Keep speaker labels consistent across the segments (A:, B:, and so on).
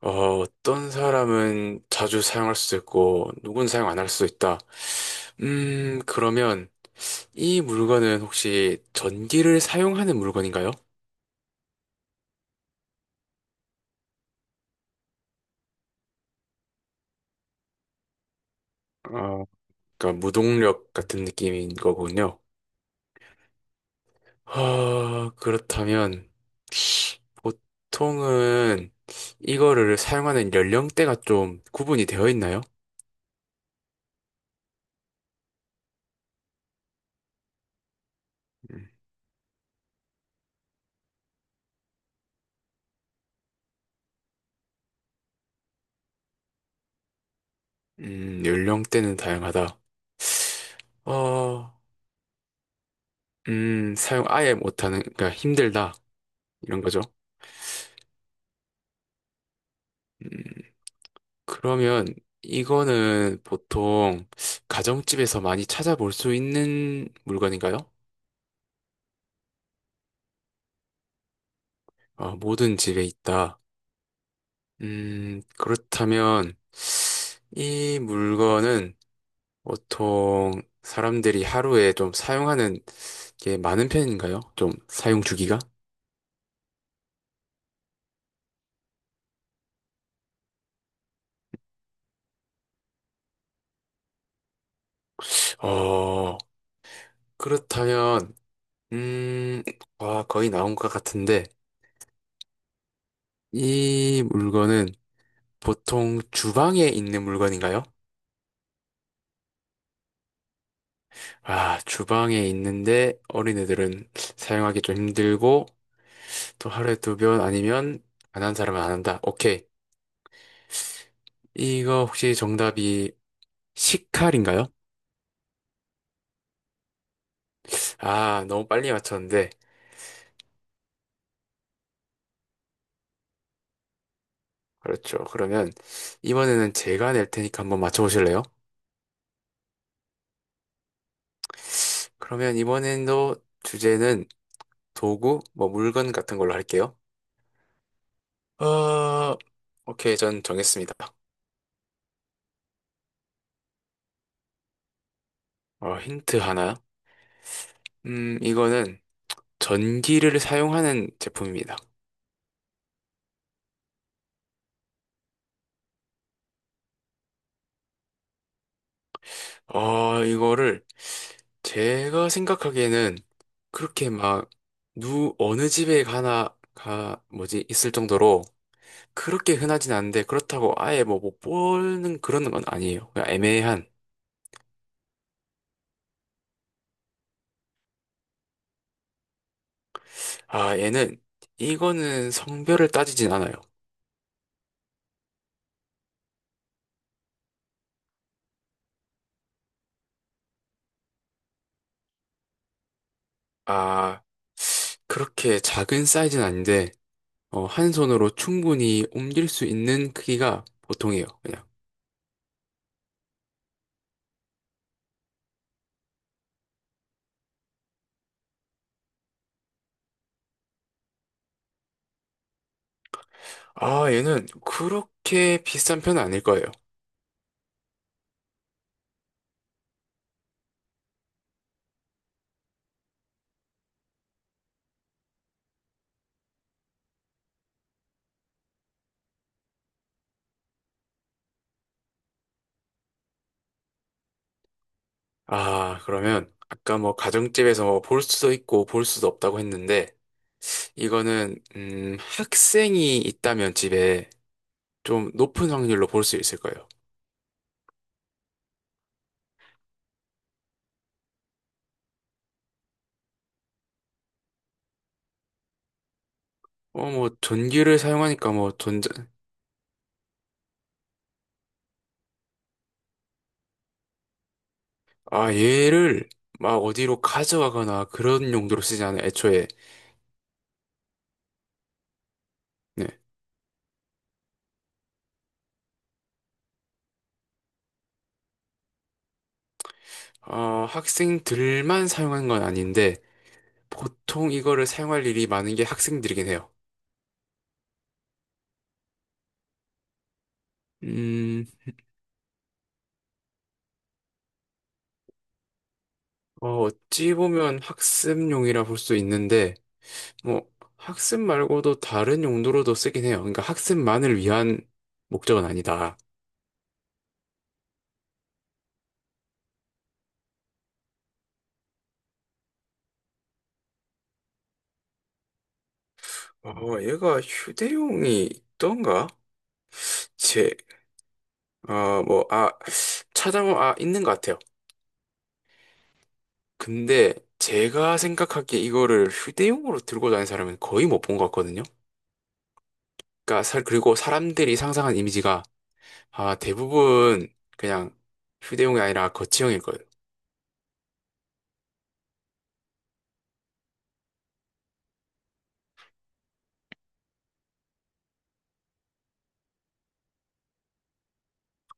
A: 어, 어떤 사람은 자주 사용할 수도 있고, 누군 사용 안 할 수도 있다. 그러면 이 물건은 혹시 전기를 사용하는 물건인가요? 어, 그러니까 무동력 같은 느낌인 거군요. 그렇다면 보통은 이거를 사용하는 연령대가 좀 구분이 되어 있나요? 음, 연령대는 다양하다. 어, 사용 아예 못하는, 그러니까 힘들다. 이런 거죠. 음, 그러면 이거는 보통 가정집에서 많이 찾아볼 수 있는 물건인가요? 아, 모든 집에 있다. 그렇다면 이 물건은 보통 사람들이 하루에 좀 사용하는 게 많은 편인가요? 좀 사용 주기가? 어, 그렇다면, 음, 와, 거의 나온 것 같은데, 이 물건은 보통 주방에 있는 물건인가요? 아, 주방에 있는데 어린애들은 사용하기 좀 힘들고 또 하루에 두 번 아니면 안 한 사람은 안 한다. 오케이. 이거 혹시 정답이 식칼인가요? 아, 너무 빨리 맞췄는데. 그렇죠. 그러면 이번에는 제가 낼 테니까 한번 맞춰보실래요? 그러면 이번에도 주제는 도구, 뭐 물건 같은 걸로 할게요. 어, 오케이. 전 정했습니다. 어, 힌트 하나. 이거는 전기를 사용하는 제품입니다. 아, 이거를 제가 생각하기에는 그렇게 막, 어느 집에 가나, 있을 정도로 그렇게 흔하진 않은데 그렇다고 아예 뭐 못 보는 그런 건 아니에요. 그냥 애매한. 아, 얘는, 이거는 성별을 따지진 않아요. 아, 그렇게 작은 사이즈는 아닌데, 한 손으로 충분히 옮길 수 있는 크기가 보통이에요. 그냥. 아, 얘는 그렇게 비싼 편은 아닐 거예요. 아, 그러면 아까 뭐 가정집에서 뭐 볼 수도 있고 볼 수도 없다고 했는데 이거는 학생이 있다면 집에 좀 높은 확률로 볼 수 있을 거예요. 어, 뭐 전기를 사용하니까 뭐 전자. 아, 얘를 막 어디로 가져가거나 그런 용도로 쓰지 않아요. 애초에 네. 어, 학생들만 사용하는 건 아닌데 보통 이거를 사용할 일이 많은 게 학생들이긴 해요. 음, 어, 어찌 보면 학습용이라 볼 수 있는데 뭐 학습 말고도 다른 용도로도 쓰긴 해요. 그러니까 학습만을 위한 목적은 아니다. 어, 얘가 휴대용이 있던가? 제, 어, 뭐, 아, 찾아보면, 아, 있는 것 같아요. 근데 제가 생각하기에 이거를 휴대용으로 들고 다니는 사람은 거의 못 본 것 같거든요. 그러니까, 살 그리고 사람들이 상상한 이미지가, 아, 대부분 그냥 휴대용이 아니라 거치형일 거예요.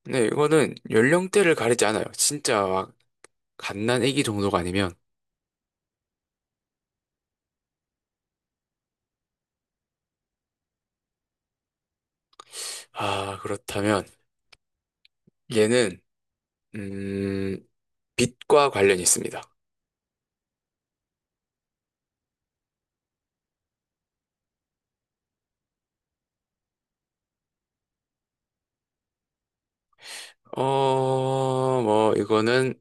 A: 근데 이거는 연령대를 가리지 않아요. 진짜 막 갓난 애기 정도가 아니면. 아, 그렇다면 얘는 음, 빛과 관련이 있습니다. 어, 뭐 이거는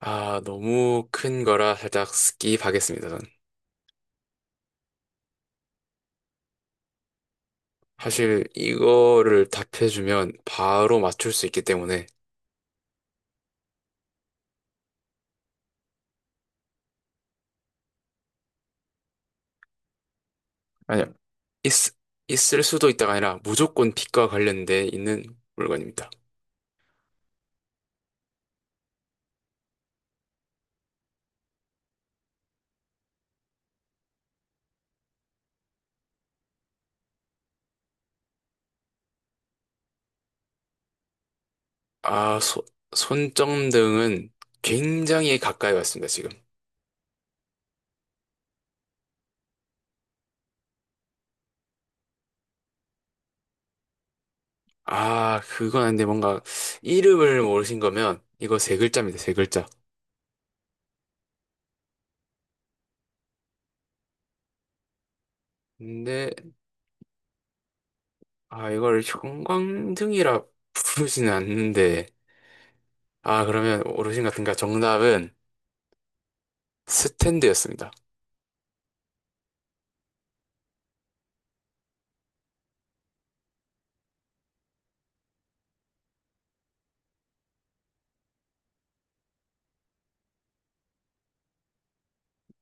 A: 아, 너무 큰 거라 살짝 스킵하겠습니다, 전. 사실 이거를 답해주면 바로 맞출 수 있기 때문에. 아니요. 있, 있을 수도 있다가 아니라 무조건 빛과 관련돼 있는 물건입니다. 아, 소, 손전등은 굉장히 가까이 왔습니다, 지금. 아, 그건 아닌데 뭔가 이름을 모르신 거면 이거 세 글자입니다, 세 글자. 근데, 아, 이걸 형광등이라 부르지는 않는데, 아, 그러면 어르신 같은가 정답은 스탠드였습니다.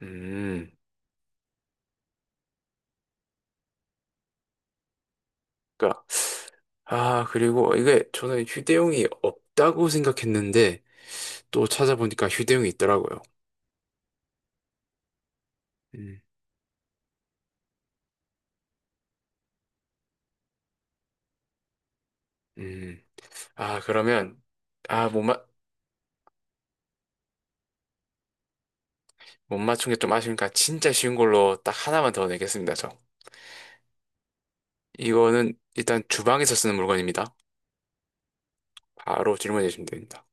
A: 음, 그니까, 아, 그리고 이게 저는 휴대용이 없다고 생각했는데, 또 찾아보니까 휴대용이 있더라고요. 음. 음. 아, 그러면, 아, 못 맞, 못 맞춘 게 좀 아쉬우니까 진짜 쉬운 걸로 딱 하나만 더 내겠습니다, 저. 이거는 일단 주방에서 쓰는 물건입니다. 바로 질문해 주시면 됩니다.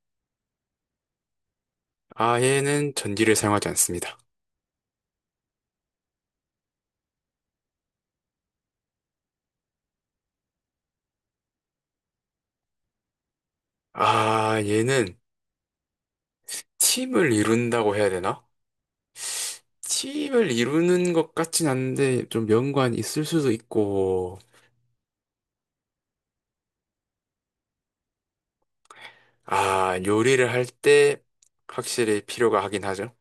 A: 아, 얘는 전기를 사용하지 않습니다. 아, 얘는 팀을 이룬다고 해야 되나? 팀을 이루는 것 같진 않은데 좀 연관이 있을 수도 있고, 아, 요리를 할 때 확실히 필요가 하긴 하죠.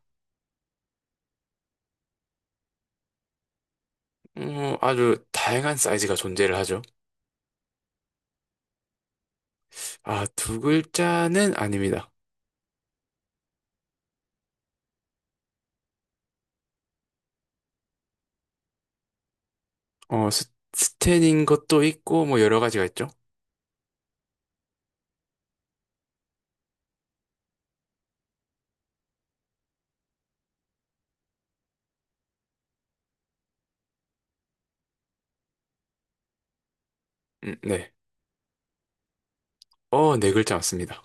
A: 아주 다양한 사이즈가 존재를 하죠. 아, 두 글자는 아닙니다. 스텐인 것도 있고, 뭐 여러 가지가 있죠. 네. 어, 네 글자 맞습니다.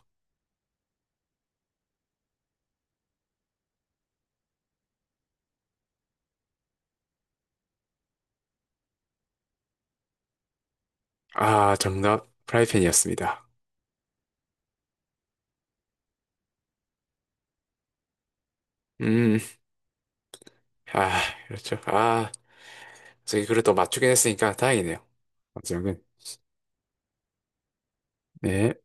A: 아, 정답, 프라이팬이었습니다. 음, 아, 그렇죠. 아. 저희 그래도 맞추긴 했으니까 다행이네요. 박지영은. 네.